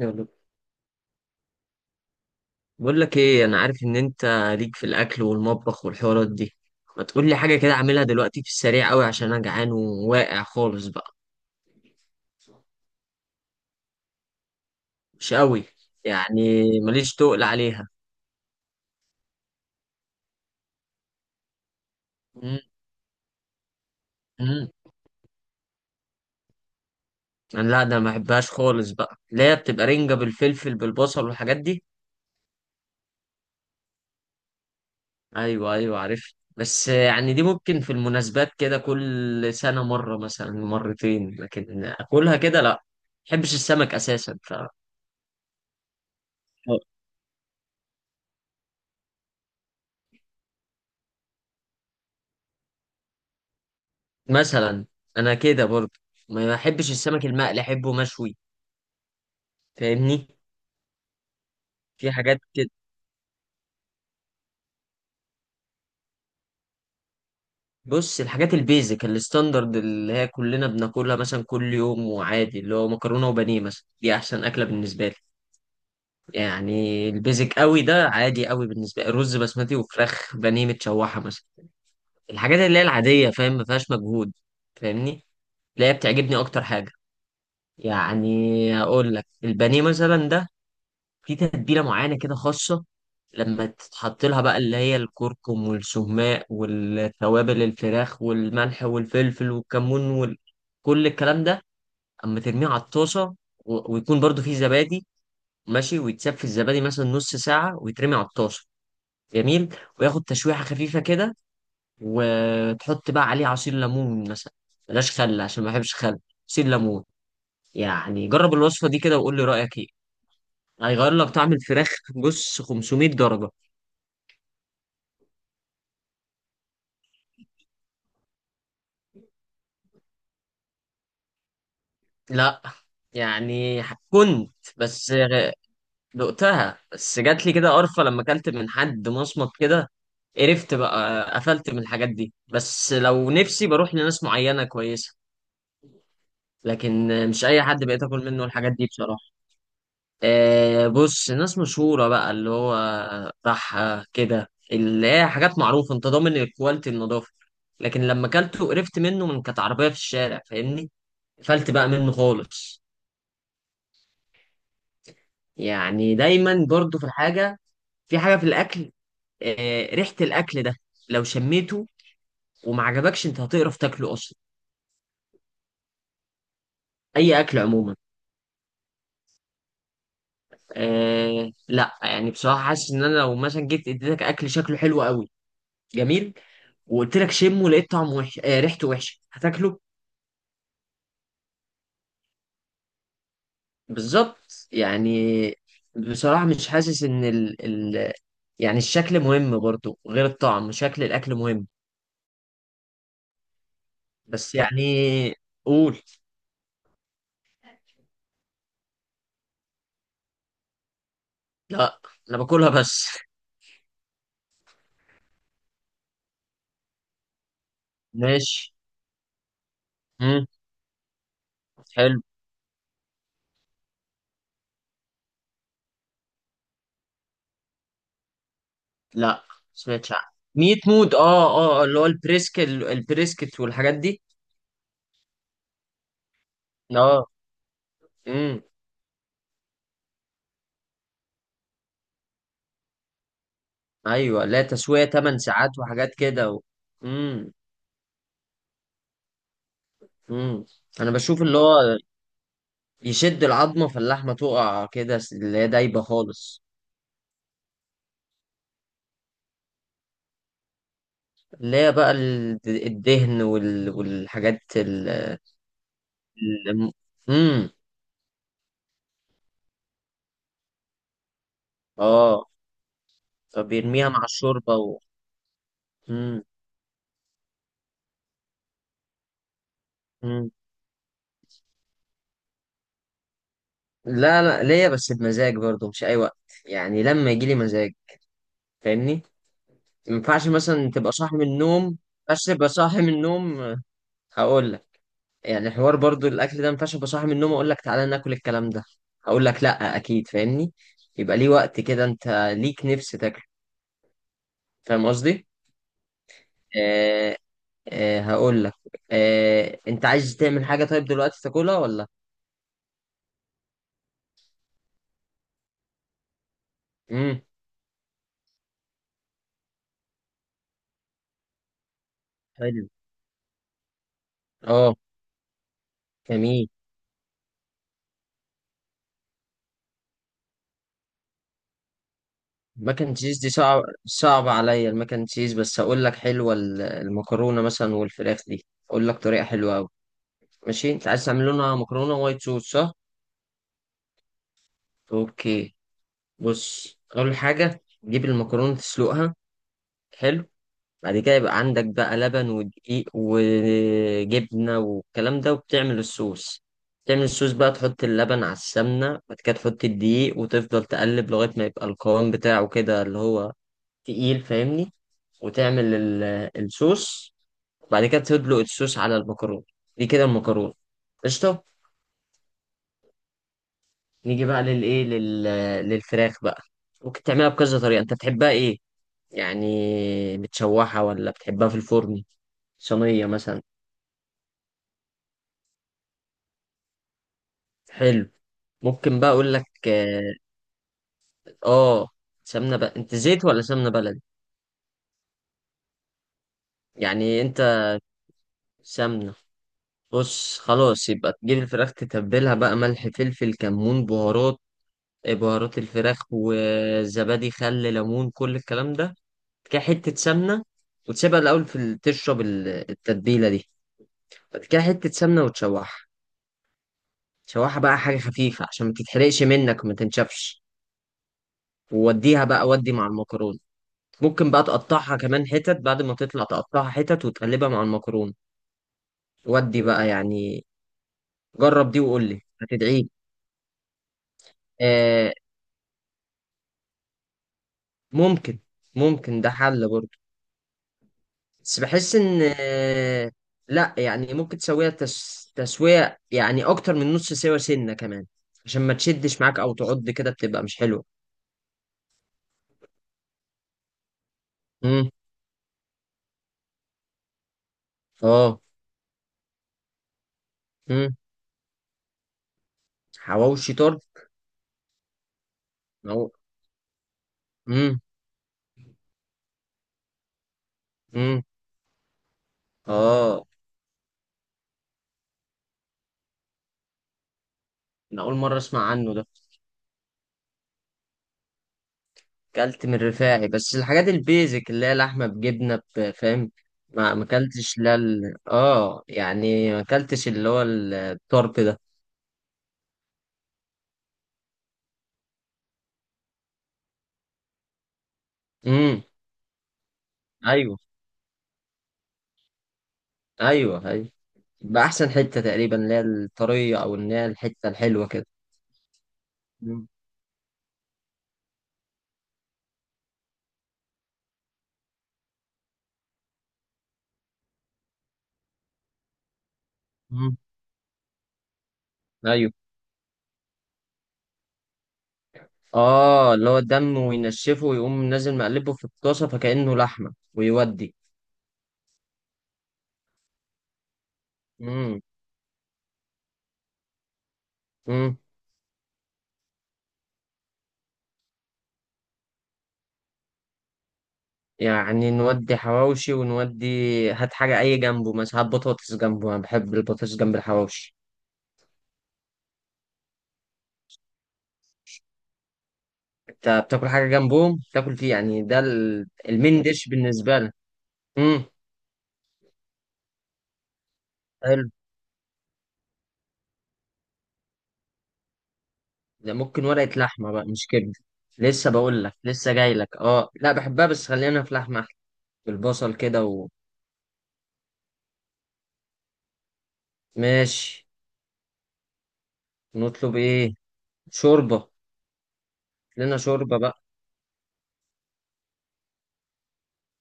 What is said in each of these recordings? يلا، بقول لك ايه. انا عارف ان انت ليك في الاكل والمطبخ والحوارات دي. ما تقول لي حاجه كده اعملها دلوقتي في السريع قوي عشان انا جعان وواقع خالص بقى. مش قوي. يعني ماليش تقل عليها. مم، مم. انا لا، ده ما بحبهاش خالص بقى اللي هي بتبقى رنجه بالفلفل بالبصل والحاجات دي. ايوه ايوه عارف، بس يعني دي ممكن في المناسبات كده كل سنه مره مثلا مرتين، لكن اكلها كده لا. ما بحبش السمك اساسا ف مثلا. انا كده برضه ما بحبش السمك المقلي، احبه مشوي. فاهمني؟ في حاجات كده. بص، الحاجات البيزك الستاندرد اللي هي كلنا بناكلها مثلا كل يوم وعادي، اللي هو مكرونه وبانيه مثلا، دي احسن اكله بالنسبه لي. يعني البيزك قوي ده عادي قوي بالنسبه لي، رز بسمتي وفراخ بانيه متشوحه مثلا. الحاجات اللي هي العاديه، فاهم، ما فيهاش مجهود. فاهمني؟ اللي هي بتعجبني اكتر حاجه. يعني هقول لك البانيه مثلا ده، في تتبيلة معينة كده خاصة لما تتحط لها بقى، اللي هي الكركم والسهماء والتوابل الفراخ والملح والفلفل والكمون وكل الكلام ده، اما ترميه على الطاسة ويكون برضو فيه زبادي ماشي، ويتساب في الزبادي مثلا نص ساعة، ويترمي على الطاسة جميل، وياخد تشويحة خفيفة كده، وتحط بقى عليه عصير ليمون مثلا. بلاش خل عشان ما بحبش خل. عصير ليمون. يعني جرب الوصفة دي كده وقول لي رأيك ايه. هيغير لك طعم الفراخ. بص، 500 درجة. لا يعني كنت بس دقتها، بس جات لي كده قرفة لما اكلت من حد مصمت كده. قرفت بقى، قفلت من الحاجات دي. بس لو نفسي بروح لناس معينة كويسة. لكن مش أي حد بقيت آكل منه الحاجات دي بصراحة. آه بص، ناس مشهورة بقى اللي هو بحة كده، اللي هي حاجات معروفة أنت ضامن الكواليتي، النظافة. لكن لما أكلته قرفت منه، من كانت عربية في الشارع. فاهمني؟ قفلت بقى منه خالص. يعني دايما برضو في الحاجة، في حاجة في الأكل. ريحة الأكل ده لو شميته وما عجبكش، أنت هتقرف تاكله أصلا. أي أكل عموما. آه لا يعني، بصراحة حاسس إن أنا لو مثلا جيت اديتك أكل شكله حلو قوي جميل، وقلت لك شمه لقيت طعمه وحش، ريحته وحشة، هتاكله؟ بالظبط يعني. بصراحة مش حاسس إن يعني الشكل مهم برضو غير الطعم، شكل الأكل مهم. بس يعني. قول. لا، أنا باكلها بس. ماشي. مم. حلو. لا سمعتش عنه. ميت مود، اه اه آه، اللي هو البريسك، البريسكت والحاجات دي. اه. امم. ايوه، لا تسوية 8 ساعات وحاجات كده و... امم. امم. انا بشوف اللي هو يشد العظمة فاللحمة تقع كده اللي هي دايبة خالص. اللي هي بقى الدهن والحاجات ال... امم. اه. فبيرميها مع الشوربة و... امم. لا لا، ليا بس بمزاج برضه مش اي وقت. يعني لما يجي لي مزاج. فاهمني؟ ما ينفعش مثلا تبقى صاحي من النوم. بس تبقى صاحي من النوم. هقول لك. يعني حوار برضه الاكل ده ما ينفعش ابقى صاحي من النوم اقول لك تعالى ناكل الكلام ده. هقول لك، لا اكيد فاهمني. يبقى ليه وقت كده انت ليك نفس تاكله. فاهم قصدي؟ آه. آه هقول لك. آه، انت عايز تعمل حاجه طيب دلوقتي تاكلها ولا. امم. حلو. اه. جميل. الماك اند تشيز دي صعب، صعب عليا الماك اند تشيز، بس هقول لك حلوه المكرونه مثلا والفراخ دي اقول لك طريقه حلوه قوي. ماشي، انت عايز تعمل لنا مكرونه وايت صوص، صح؟ اوكي. بص، اول حاجه تجيب المكرونه تسلقها. حلو. بعد كده يبقى عندك بقى لبن ودقيق وجبنه والكلام ده، وبتعمل الصوص. تعمل الصوص بقى، تحط اللبن على السمنه، بعد كده تحط الدقيق وتفضل تقلب لغايه ما يبقى القوام بتاعه كده، اللي هو تقيل. فاهمني؟ وتعمل الصوص. وبعد كده تدلق الصوص على المكرونة. دي كده المكرونة قشطة. نيجي بقى للإيه، للفراخ بقى. ممكن تعملها بكذا طريقة. أنت بتحبها إيه؟ يعني متشوحة ولا بتحبها في الفرن؟ صينية مثلا. حلو. ممكن بقى أقول لك آه. آه، سمنة بقى، أنت زيت ولا سمنة بلدي؟ يعني أنت. سمنة. بص، خلاص يبقى تجيب الفراخ تتبلها بقى، ملح فلفل كمون بهارات، بهارات الفراخ وزبادي خل ليمون كل الكلام ده. بعد كده حتة سمنة، وتسيبها الأول في تشرب التتبيلة دي. بعد كده حتة سمنة وتشوحها. تشوحها بقى حاجة خفيفة عشان ما تتحرقش منك وما تنشفش. ووديها بقى، ودي مع المكرونة. ممكن بقى تقطعها كمان حتت، بعد ما تطلع تقطعها حتت وتقلبها مع المكرونة. ودي بقى يعني. جرب دي وقول لي هتدعي. آه ممكن، ده حل برضه. بس بحس ان لا يعني ممكن تسويها تسوية يعني اكتر من نص سوا، سنة كمان، عشان ما تشدش معاك او تعض كده بتبقى مش حلوة. امم. اه. امم. حواوشي طرب. أو... امم. امم. اه. انا اول مرة اسمع عنه ده. اكلت من الرفاعي، بس الحاجات البيزك اللي هي لحمة بجبنة فاهم. ما اكلتش، لا اه يعني ما اكلتش اللي هو الطرب ده. امم. ايوه. ايوه ايوه. بأحسن حتة تقريبا، اللي هي الطرية أو اللي هي الحتة الحلوة كده. مم. مم. أيوه. آه، اللي هو الدم وينشفه ويقوم نازل مقلبه في الطاسة فكأنه لحمة، ويودي. مم. مم. يعني نودي حواوشي ونودي. هات حاجة أي جنبه مثلا، هات بطاطس جنبه، أنا بحب البطاطس جنب الحواوشي. أنت بتاكل حاجة جنبهم؟ بتاكل فيه يعني، ده المين ديش بالنسبة لك. مم. حلو. ده ممكن ورقة لحمة بقى مش كبدة. لسه بقول لك، لسه جاي لك. اه لا بحبها، بس خلينا في لحمة بالبصل كده. وماشي. نطلب ايه؟ شوربة. لنا شوربة بقى.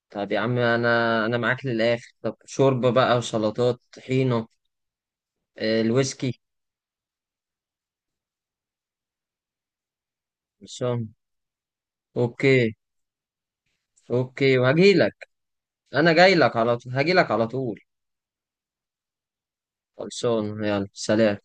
طب يا عم، انا معاك للاخر. طب شوربة بقى وسلطات طحينة. آه، الويسكي. خلصان. اوكي. اوكي وهجيلك. انا جايلك على طول، هجيلك على طول. خلصان، يلا سلام.